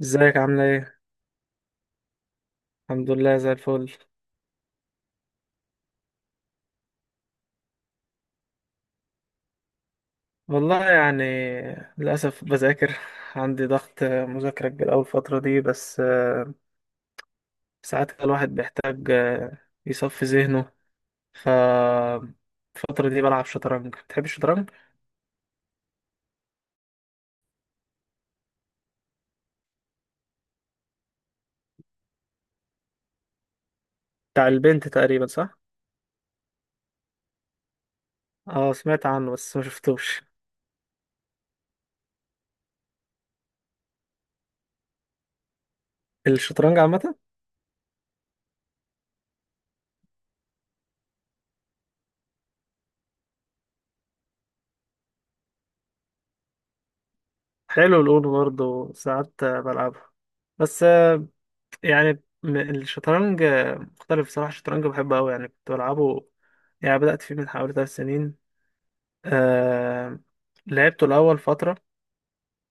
ازيك عاملة ايه؟ الحمد لله زي الفل. والله يعني للأسف بذاكر. عندي ضغط مذاكرة كبير أوي الفترة دي، بس ساعات كده الواحد بيحتاج يصفي ذهنه. ف الفترة دي بلعب شطرنج. بتحب الشطرنج؟ بتاع البنت تقريبا صح؟ اه سمعت عنه بس ما شفتوش. الشطرنج عامة. حلو الأونو برضه ساعات بلعبه. بس يعني الشطرنج مختلف بصراحة. الشطرنج بحبه أوي، يعني كنت بلعبه. يعني بدأت فيه من حوالي 3 سنين. آه... لعبته الأول فترة،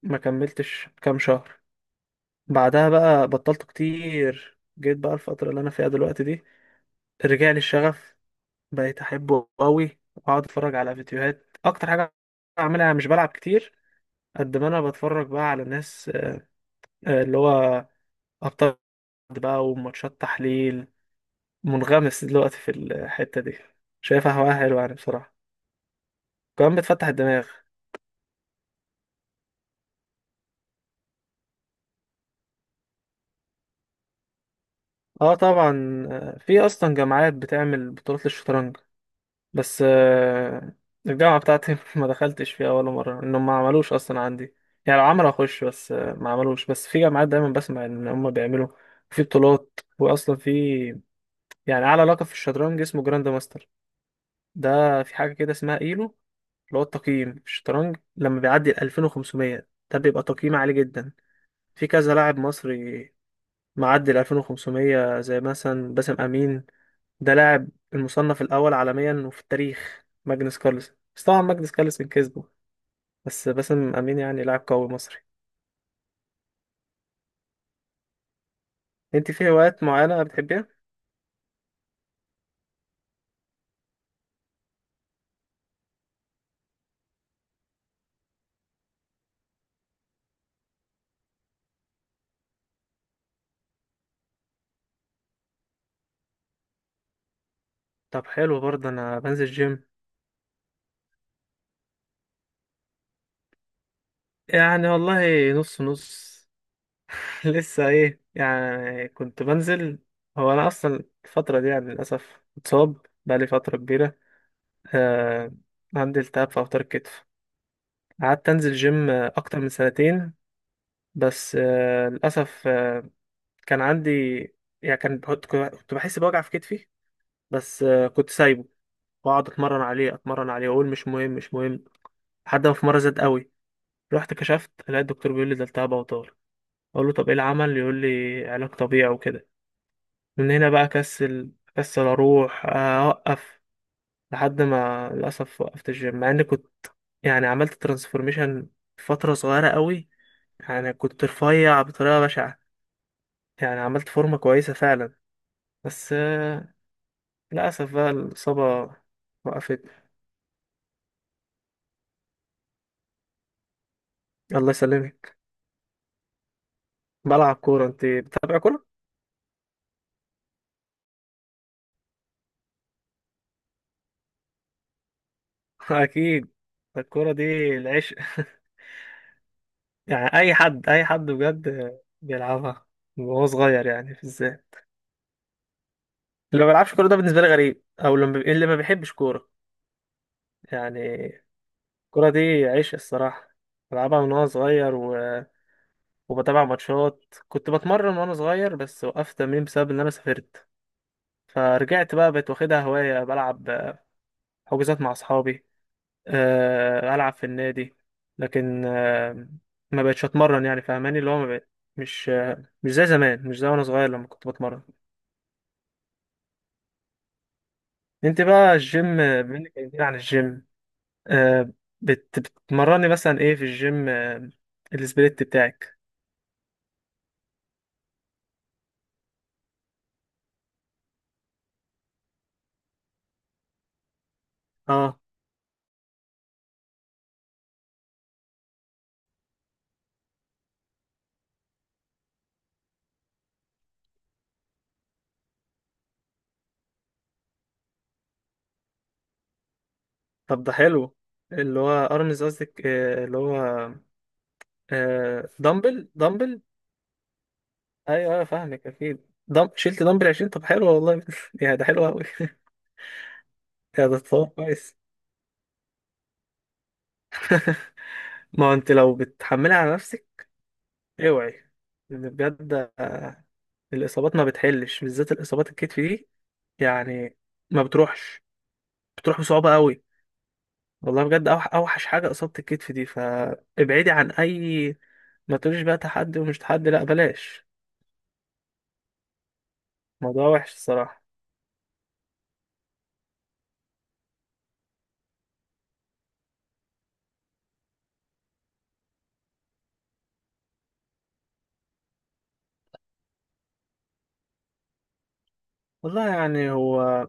ما كملتش كام شهر. بعدها بقى بطلته كتير. جيت بقى الفترة اللي أنا فيها دلوقتي دي، رجع لي الشغف، بقيت أحبه أوي وأقعد أتفرج على فيديوهات. أكتر حاجة بعملها مش بلعب كتير، قد ما أنا بتفرج بقى على ناس اللي هو أبطال بقى، وماتشات تحليل. منغمس دلوقتي في الحتة دي، شايفها هواية حلوة يعني بصراحة، كمان بتفتح الدماغ. اه طبعا، في اصلا جامعات بتعمل بطولات للشطرنج. بس الجامعة بتاعتي ما دخلتش فيها ولا مرة، انهم ما عملوش اصلا عندي. يعني لو عملوا اخش، بس ما عملوش. بس في جامعات دايما بسمع ان هم بيعملوا في بطولات. واصلا في، يعني اعلى لقب في الشطرنج اسمه جراند ماستر. ده في حاجة كده اسمها ايلو، اللي هو التقييم في الشطرنج. لما بيعدي ال 2500، ده بيبقى تقييم عالي جدا. في كذا لاعب مصري معدي ال 2500، زي مثلا باسم امين. ده لاعب المصنف الاول عالميا، وفي التاريخ ماجنس كارلسن، بس طبعا ماجنس كارلسن كسبه، بس باسم امين يعني لاعب قوي مصري. انت في هوايات معينه بتحبيها؟ طب حلو برضه انا بنزل جيم. يعني والله نص نص. لسه ايه يعني، كنت بنزل. هو انا اصلا الفتره دي يعني للاسف متصاب، بقالي فتره كبيره. آه عندي التهاب في اوتار الكتف. قعدت انزل جيم اكتر من سنتين، بس للاسف كان عندي يعني كان بحط، كنت بحس بوجع في كتفي، بس كنت سايبه واقعد اتمرن عليه اتمرن عليه، واقول مش مهم مش مهم. لحد ما في مره زاد قوي، رحت كشفت لقيت الدكتور بيقول لي ده التهاب اوتار. اقول له طب ايه العمل، يقول لي علاج طبيعي وكده. من هنا بقى كسل كسل، اروح اوقف، لحد ما للاسف وقفت الجيم. مع اني كنت يعني عملت ترانسفورميشن فتره صغيره قوي، يعني كنت رفيع بطريقه بشعه، يعني عملت فورمة كويسة فعلا. بس للأسف بقى الإصابة وقفت. الله يسلمك. بلعب كورة. أنت بتتابع كورة؟ أكيد. الكورة دي العشق. يعني أي حد أي حد بجد بيلعبها وهو صغير، يعني في ازاي اللي ما بيلعبش كورة؟ ده بالنسبة لي غريب، أو اللي ما اللي ما بيحبش كورة. يعني الكورة دي عشق الصراحة. بلعبها من وأنا صغير، و... وبتابع ماتشات. كنت بتمرن وأنا صغير بس وقفت تمرين بسبب إن أنا سافرت. فرجعت بقى، بقيت واخدها هواية، بلعب حجوزات مع أصحابي، ألعب في النادي، لكن ما بقتش أتمرن. يعني فاهماني اللي هو ما بقيت مش زي زمان، مش زي وأنا صغير لما كنت بتمرن. أنت بقى الجيم، بما إنك كلمتني عن الجيم، آه، بتمرني مثلا إيه في الجيم؟ السبليت بتاعك. أه طب ده حلو. اللي هو أرمز قصدك، اللي هو دمبل دمبل. ايوه ايوه فاهمك اكيد. شلت دمبل 20. طب حلو والله. يا ده حلو قوي. يا ده تصور كويس. ما هو انت لو بتحملها على نفسك، اوعي. لأن بجد الاصابات ما بتحلش، بالذات الاصابات الكتف دي. يعني ما بتروحش، بتروح بصعوبه قوي. والله بجد اوحش حاجه اصابه الكتف دي. فابعدي عن اي، ما تقوليش بقى تحدي ومش تحدي، لا بلاش. الموضوع وحش الصراحه. والله يعني، هو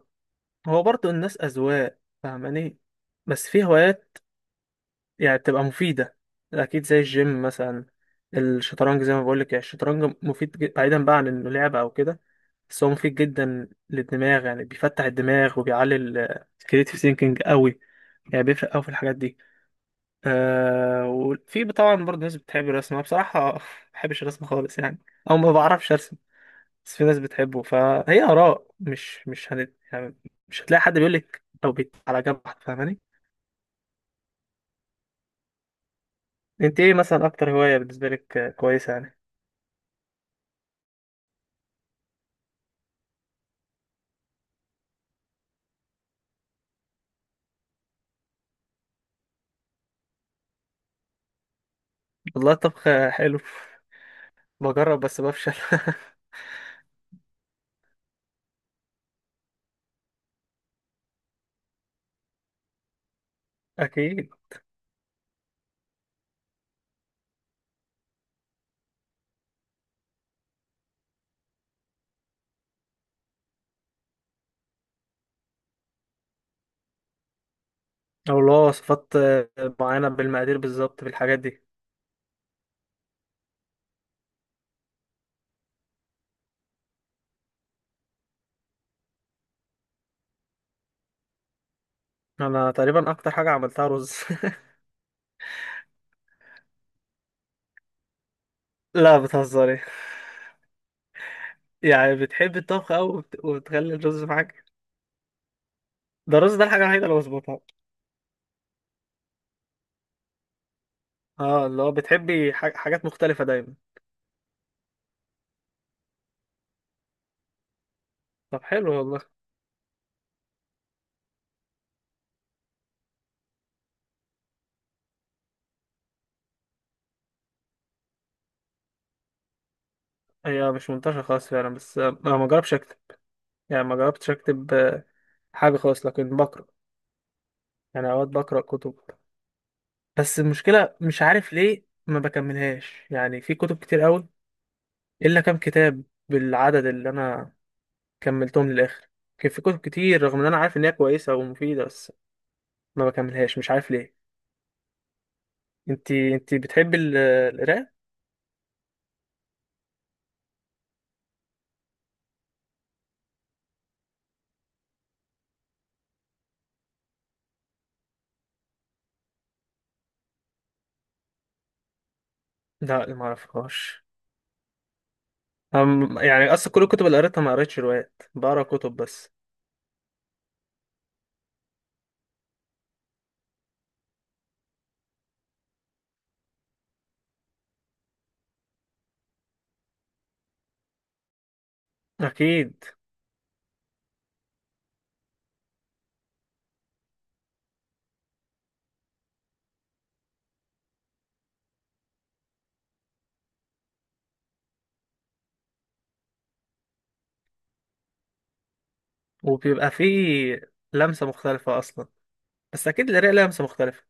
هو برضه الناس اذواق، فاهماني. بس في هوايات يعني بتبقى مفيدة أكيد، زي الجيم مثلا. الشطرنج زي ما بقولك، يعني الشطرنج مفيد، بعيدا بقى عن إنه لعبة أو كده، بس هو مفيد جدا للدماغ. يعني بيفتح الدماغ وبيعلي الكريتيف ثينكينج قوي. يعني بيفرق قوي في الحاجات دي. آه وفي طبعا برضه ناس بتحب الرسم. أنا بصراحة ما بحبش الرسم خالص يعني، أو ما بعرفش أرسم. بس في ناس بتحبه، فهي آراء. مش مش هنت... يعني مش هتلاقي حد بيقولك أو بيت على جنب واحد، فاهماني. أنت إيه مثلا أكتر هواية بالنسبة لك كويسة يعني؟ والله الطبخ حلو، بجرب بس بفشل. اكيد. او اللي هو وصفات معينه بالمقادير بالظبط، بالحاجات دي. انا تقريبا اكتر حاجه عملتها رز. لا بتهزري. يعني بتحبي الطبخ أوي، وبتخلي الرز معاك. ده الرز ده الحاجه الوحيده اللي بظبطها. اه اللي هو بتحبي حاجات مختلفه دايما. طب حلو والله. هي مش منتشره خالص فعلا، بس انا ما جربتش اكتب. يعني ما جربتش اكتب حاجه خالص، لكن بقرا. يعني اوقات بقرا كتب، بس المشكلة مش عارف ليه ما بكملهاش. يعني في كتب كتير قوي، إلا كام كتاب بالعدد اللي أنا كملتهم للآخر. كان في كتب كتير رغم إن أنا عارف إن هي كويسة ومفيدة، بس ما بكملهاش مش عارف ليه. انتي بتحبي القراءة؟ لا ما أعرفهاش. يعني أصلا كل الكتب اللي قريتها ما قريتش روايات، بقرا كتب بس. أكيد. وبيبقى في لمسة مختلفة أصلا، بس أكيد القراءة لها لمسة مختلفة.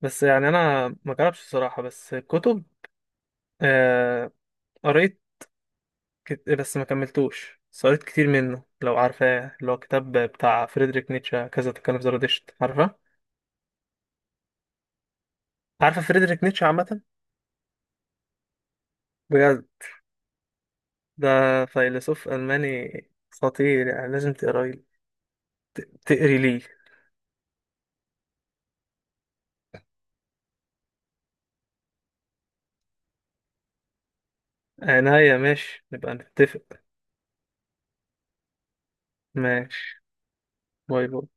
بس يعني أنا ما جربتش الصراحة، بس الكتب آه، قريت بس ما كملتوش. بس قريت كتير منه، لو عارفاه، اللي هو كتاب بتاع فريدريك نيتشه، كذا تكلم في زرادشت. عارفه؟ عارفه فريدريك نيتشه عامه؟ بجد؟ ده فيلسوف ألماني خطير، يعني لازم تقري، تقري ليه. عناية ماشي، نبقى نتفق. ماشي. باي باي.